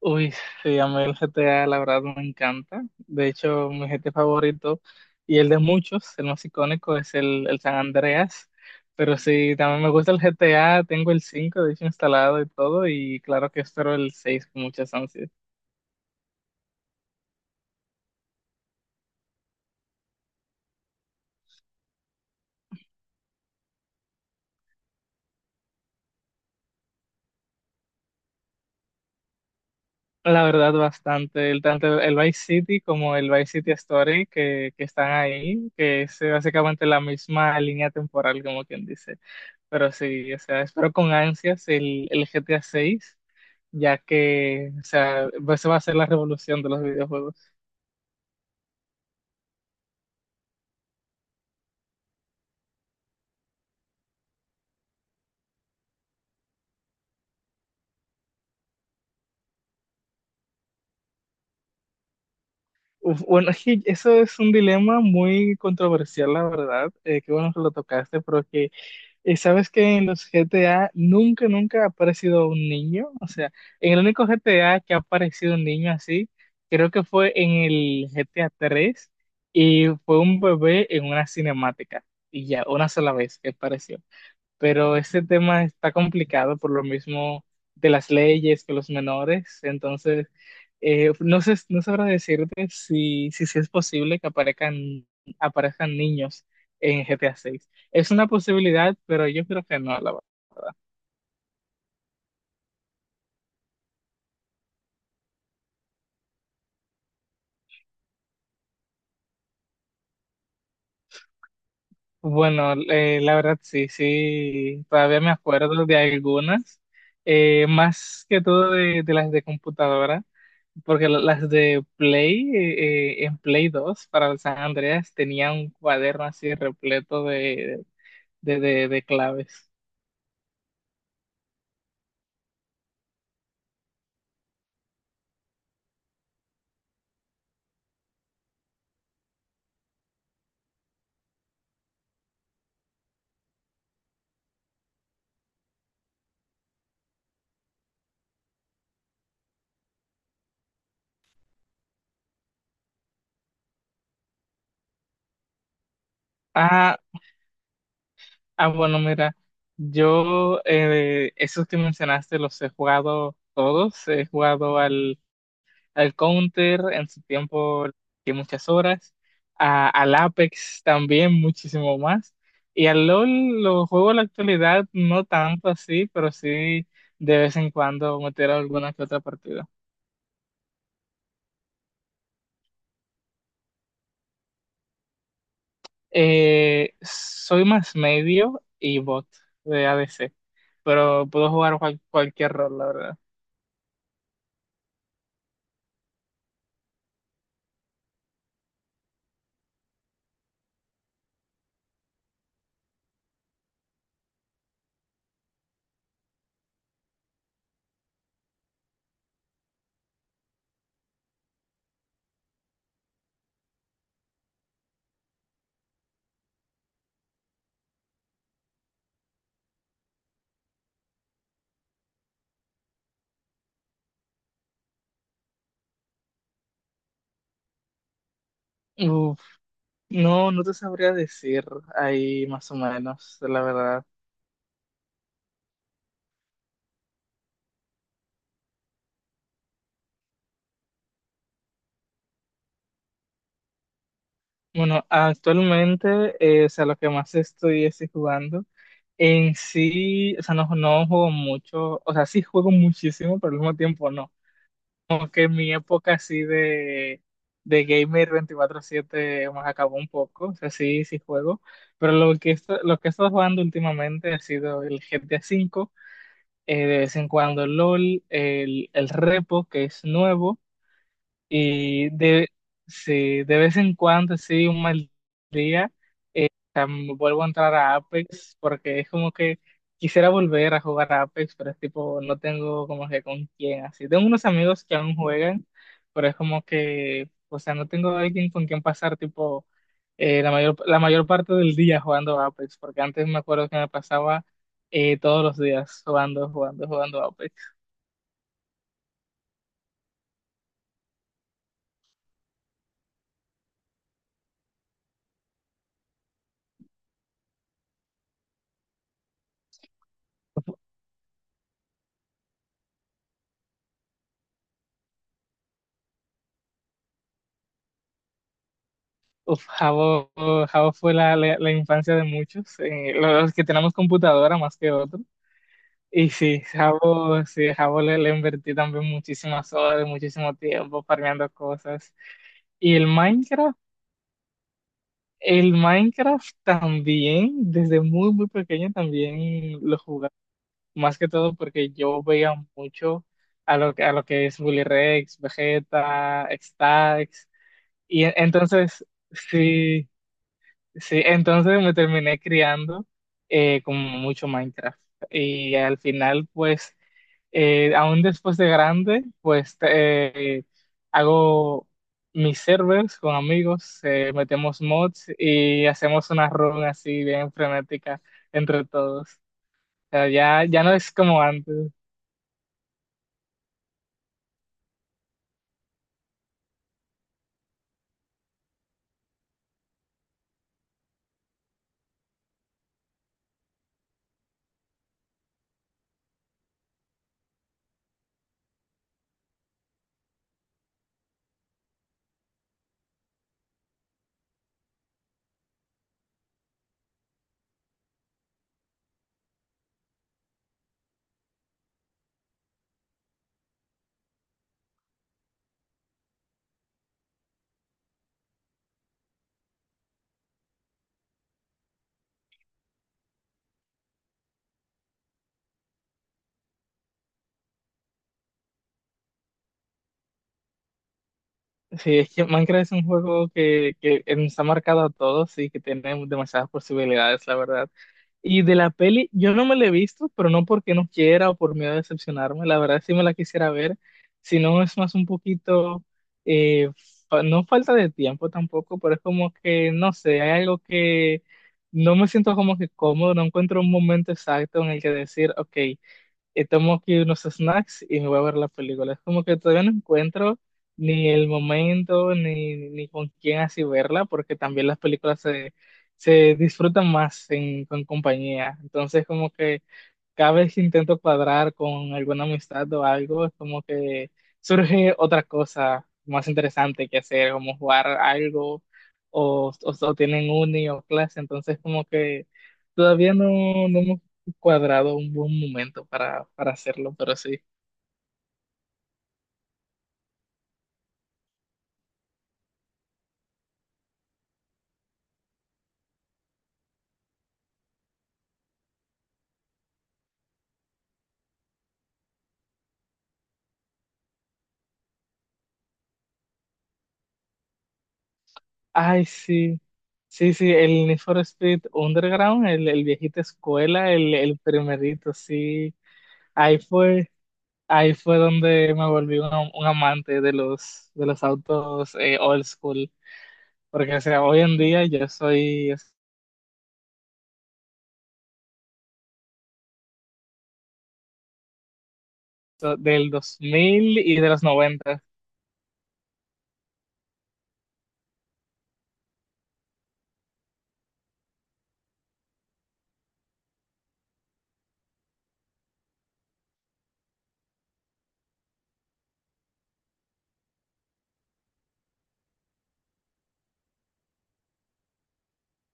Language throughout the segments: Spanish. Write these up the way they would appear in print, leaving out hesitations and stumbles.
Uy, sí, a mí el GTA, la verdad, me encanta. De hecho, mi GTA favorito y el de muchos, el más icónico, es el San Andreas. Pero sí, también me gusta el GTA, tengo el 5, de hecho, instalado y todo. Y claro que espero el 6 con muchas ansias. La verdad, bastante. Tanto el Vice City como el Vice City Story que están ahí, que es básicamente la misma línea temporal, como quien dice. Pero sí, o sea, espero con ansias el GTA 6, ya que, o sea, pues, eso va a ser la revolución de los videojuegos. Uf, bueno, es que eso es un dilema muy controversial, la verdad. Qué bueno que lo tocaste, pero que sabes que en los G T A nunca, nunca ha aparecido un niño. O sea, en el único G T A que ha aparecido un niño así, creo que fue en el GTA 3 y fue un bebé en una cinemática. Y ya, una sola vez que apareció. Pero ese tema está complicado por lo mismo de las leyes con los menores, entonces no sé, no sabrá decirte si es posible que aparezcan niños en GTA 6. Es una posibilidad, pero yo creo que no, la Bueno, la verdad sí, sí, todavía me acuerdo de algunas, más que todo de las de computadora, porque las de Play, en Play 2 para el San Andreas tenía un cuaderno así repleto de claves. Ah, bueno, mira, yo esos que mencionaste los he jugado todos, he jugado al Counter en su tiempo que muchas horas, al Apex también muchísimo más, y al LOL lo juego en la actualidad no tanto así, pero sí de vez en cuando meter alguna que otra partida. Soy más medio y bot de ADC, pero puedo jugar cualquier rol, la verdad. Uf, no, no te sabría decir ahí más o menos, la verdad. Bueno, actualmente, o sea, lo que más estoy es jugando. En sí, o sea, no, no juego mucho, o sea, sí juego muchísimo, pero al mismo tiempo no. Como que mi época así de gamer 24/7 más acabó un poco, o sea, sí, sí juego, pero lo que he estado jugando últimamente ha sido el GTA V, de vez en cuando LOL, el Repo, que es nuevo. Y sí, de vez en cuando, sí, un mal día, eh, vuelvo a entrar a Apex porque es como que quisiera volver a jugar a Apex, pero es tipo, no tengo como que con quién así. Tengo unos amigos que aún juegan, pero es como que, o sea, no tengo alguien con quien pasar tipo la mayor parte del día jugando a Apex, porque antes me acuerdo que me pasaba todos los días jugando, jugando, jugando a Apex. Uf, Jabo, Jabo fue la infancia de muchos, los que tenemos computadora más que otros. Y sí, Jabo le invertí también muchísimas horas, muchísimo tiempo farmeando cosas. Y el Minecraft también, desde muy, muy pequeño también lo jugaba. Más que todo porque yo veía mucho a lo que es Willy Rex, Vegeta, Stacks. Y entonces, sí. Sí, entonces me terminé criando con mucho Minecraft. Y al final, pues, aún después de grande, pues hago mis servers con amigos, metemos mods y hacemos una run así bien frenética entre todos. O sea, ya, ya no es como antes. Sí, es que Minecraft es un juego que nos ha marcado a todos y que tiene demasiadas posibilidades, la verdad. Y de la peli, yo no me la he visto, pero no porque no quiera o por miedo a decepcionarme, la verdad sí me la quisiera ver, si no es más un poquito, eh, no falta de tiempo tampoco, pero es como que, no sé, hay algo que no me siento como que cómodo, no encuentro un momento exacto en el que decir, ok y tomo aquí unos snacks y me voy a ver la película. Es como que todavía no encuentro ni el momento ni con quién así verla, porque también las películas se disfrutan más con compañía. Entonces, como que cada vez que intento cuadrar con alguna amistad o algo, es como que surge otra cosa más interesante que hacer, como jugar algo o tienen uni o clase, entonces como que todavía no, no hemos cuadrado un buen momento para hacerlo, pero sí. Ay, sí, sí, sí, el Need for Speed Underground, el viejito escuela, el primerito, sí. Ahí fue. Ahí fue donde me volví un amante de los autos old school, porque o sea, hoy en día yo soy o sea, del 2000 y de los 90.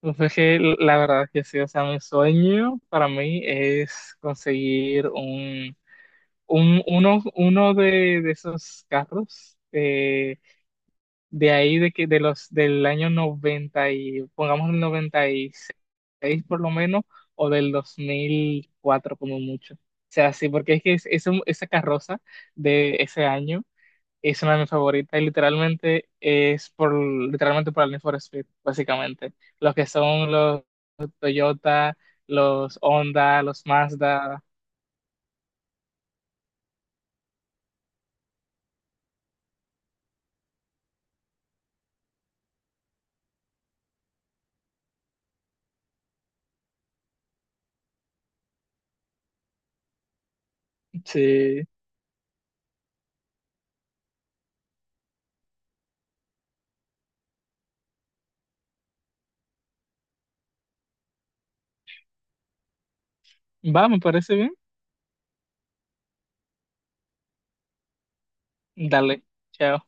Entonces, que la verdad que sí, o sea, mi sueño para mí es conseguir uno de esos carros. De ahí de que de los del año 90 y pongamos el noventa y seis por lo menos o del 2004 como mucho. O sea, sí, porque es que esa carroza de ese año es una de mis favoritas y literalmente por el Need for Speed, básicamente. Los que son los Toyota, los Honda, los Mazda. Sí. Va, me parece bien. Dale. Chao.